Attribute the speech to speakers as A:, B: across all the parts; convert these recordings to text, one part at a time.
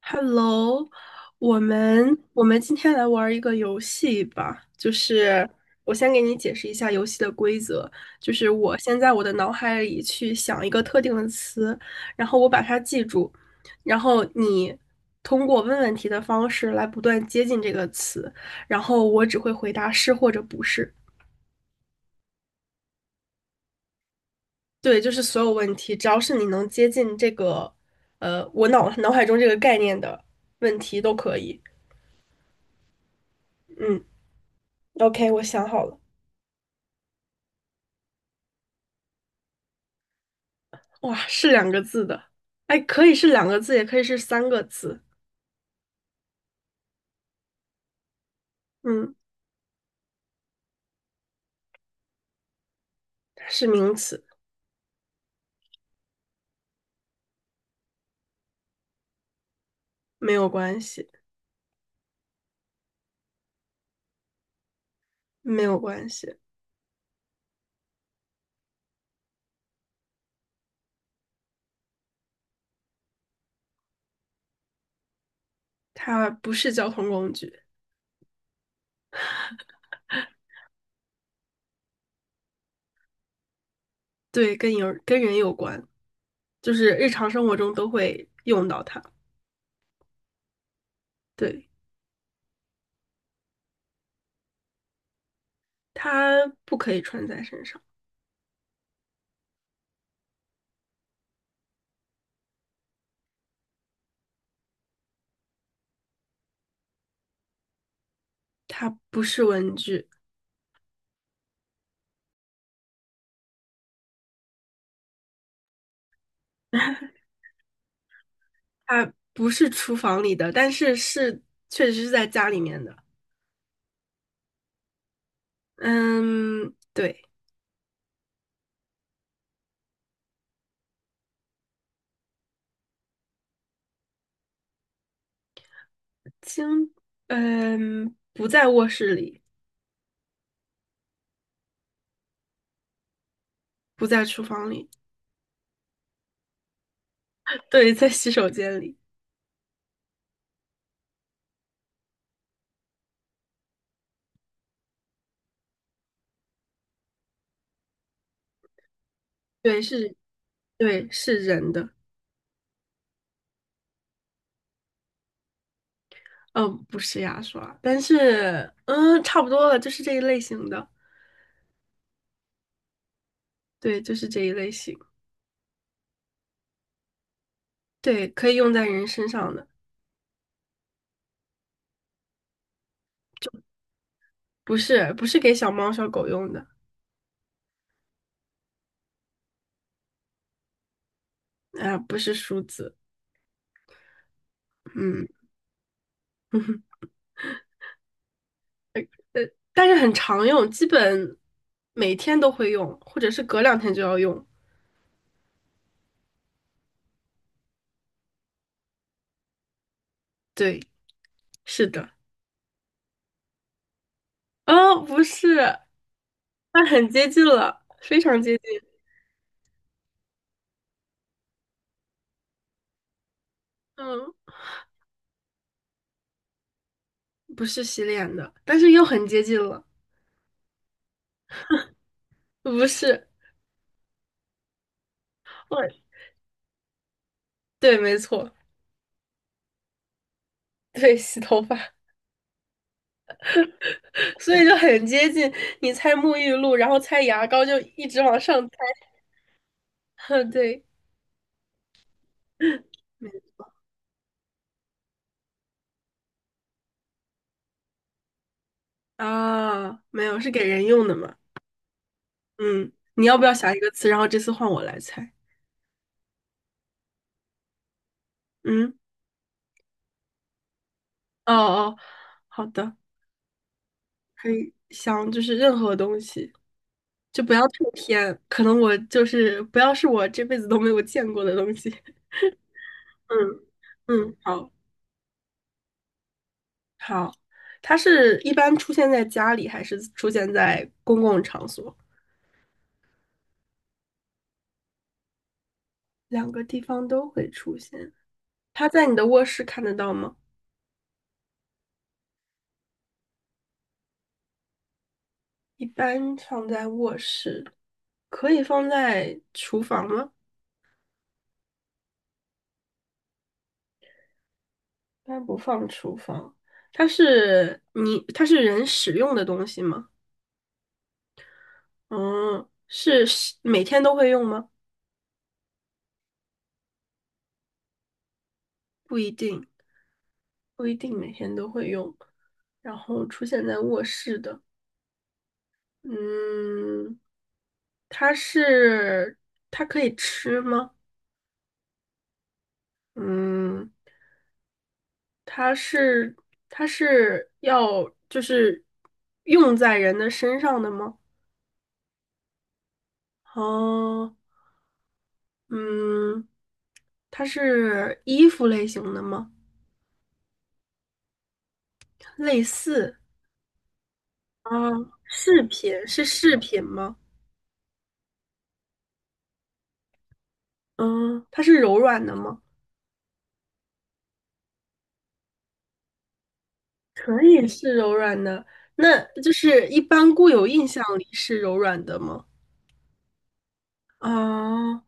A: Hello，我们今天来玩儿一个游戏吧，就是我先给你解释一下游戏的规则，就是我先在我的脑海里去想一个特定的词，然后我把它记住，然后你通过问问题的方式来不断接近这个词，然后我只会回答是或者不是。对，就是所有问题，只要是你能接近这个，我脑海中这个概念的问题都可以。嗯，OK，我想好了。哇，是两个字的，哎，可以是两个字，也可以是三个字。嗯，它是名词，没有关系，没有关系，它不是交通工具。对，跟人有关，就是日常生活中都会用到它。对，它不可以穿在身上，它不是文具，它不是厨房里的，但是确实是在家里面的。嗯，对，经，嗯，不在卧室里，不在厨房里。对，在洗手间里，对，是，对，是人的，嗯，不是牙刷，但是，嗯，差不多了，就是这一类型的，对，就是这一类型，对，可以用在人身上的，不是，不是给小猫小狗用的，啊、不是梳子，嗯，但是很常用，基本每天都会用，或者是隔两天就要用，对，是的，哦，不是，那很接近了，非常接近，嗯，不是洗脸的，但是又很接近了。不是，我对，没错，对，洗头发，所以就很接近。你猜沐浴露，然后猜牙膏，就一直往上猜。对，没啊，没有，是给人用的嘛？嗯，你要不要想一个词？然后这次换我来猜。嗯，哦哦，好的，可以想，就是任何东西，就不要太偏，可能我就是不要是我这辈子都没有见过的东西。嗯嗯，好。好，它是一般出现在家里，还是出现在公共场所？两个地方都会出现。它在你的卧室看得到吗？一般放在卧室，可以放在厨房吗？一般不放厨房。它是你，它是人使用的东西吗？嗯，是每天都会用吗？不一定，不一定每天都会用。然后出现在卧室的。嗯，它是它可以吃吗？嗯，它是它是要用在人的身上的吗？哦，嗯，它是衣服类型的吗？类似啊，饰品是饰品吗？嗯，它是柔软的吗？可以是柔软的，那就是一般固有印象里是柔软的吗？啊，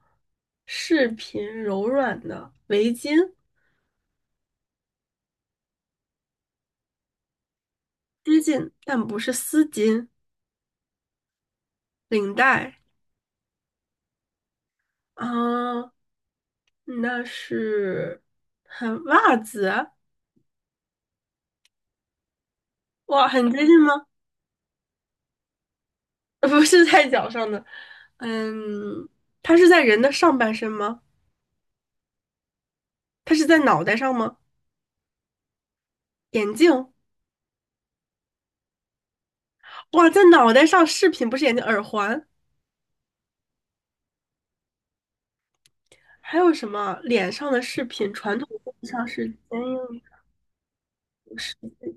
A: 饰品柔软的围巾，接近但不是丝巾，领带啊，那是很袜子，哇，很接近吗？不是在脚上的，嗯，它是在人的上半身吗？它是在脑袋上吗？眼镜，哇，在脑袋上，饰品不是眼镜，耳环，还有什么？脸上的饰品，传统意义上是坚硬的饰品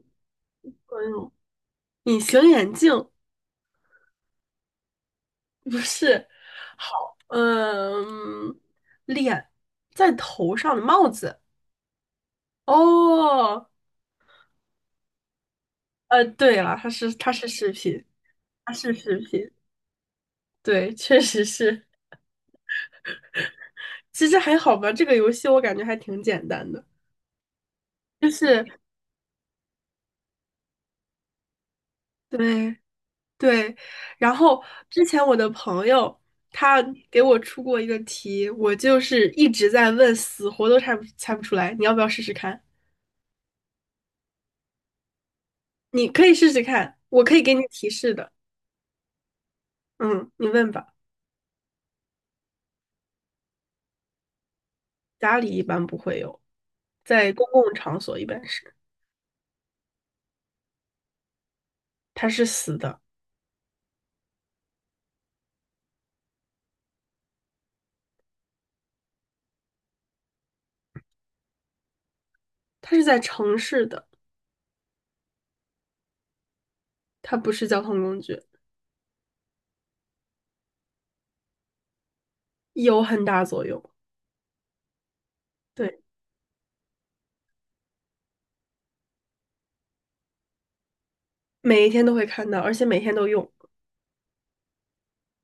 A: 作用，隐形眼镜。不是，嗯，脸在头上的帽子。哦，呃，对了，它是饰品，它是饰品，对，确实是。其实还好吧，这个游戏我感觉还挺简单的，就是对对。然后之前我的朋友他给我出过一个题，我就是一直在问，死活都猜不出来。你要不要试试看？你可以试试看，我可以给你提示的。嗯，你问吧。家里一般不会有，在公共场所一般是，它是死的，它是在城市的，它不是交通工具，有很大作用。对，每一天都会看到，而且每天都用，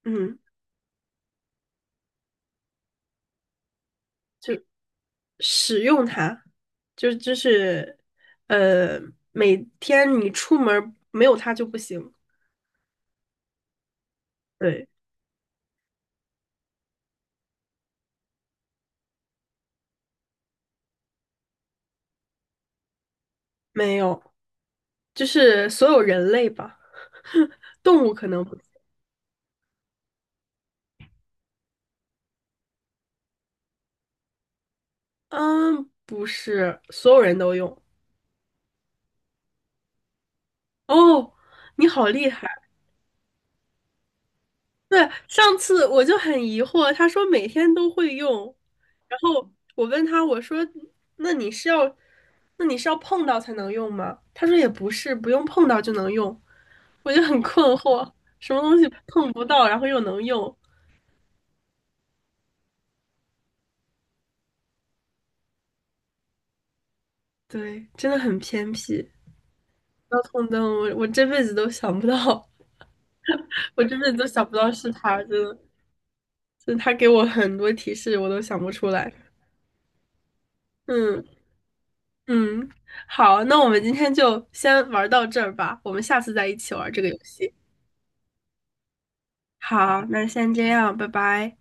A: 嗯，就使用它，就是呃，每天你出门儿没有它就不行。对，没有，就是所有人类吧，动物可能不，嗯，不是所有人都用。哦，你好厉害。对，上次我就很疑惑，他说每天都会用，然后我问他，我说那你是要，那你是要碰到才能用吗？他说也不是，不用碰到就能用，我就很困惑，什么东西碰不到，然后又能用？对，真的很偏僻。交通灯，我这辈子都想不到，我这辈子都想不到是他，真的，就是他给我很多提示，我都想不出来。嗯，嗯，好，那我们今天就先玩到这儿吧，我们下次再一起玩这个游戏。好，那先这样，拜拜。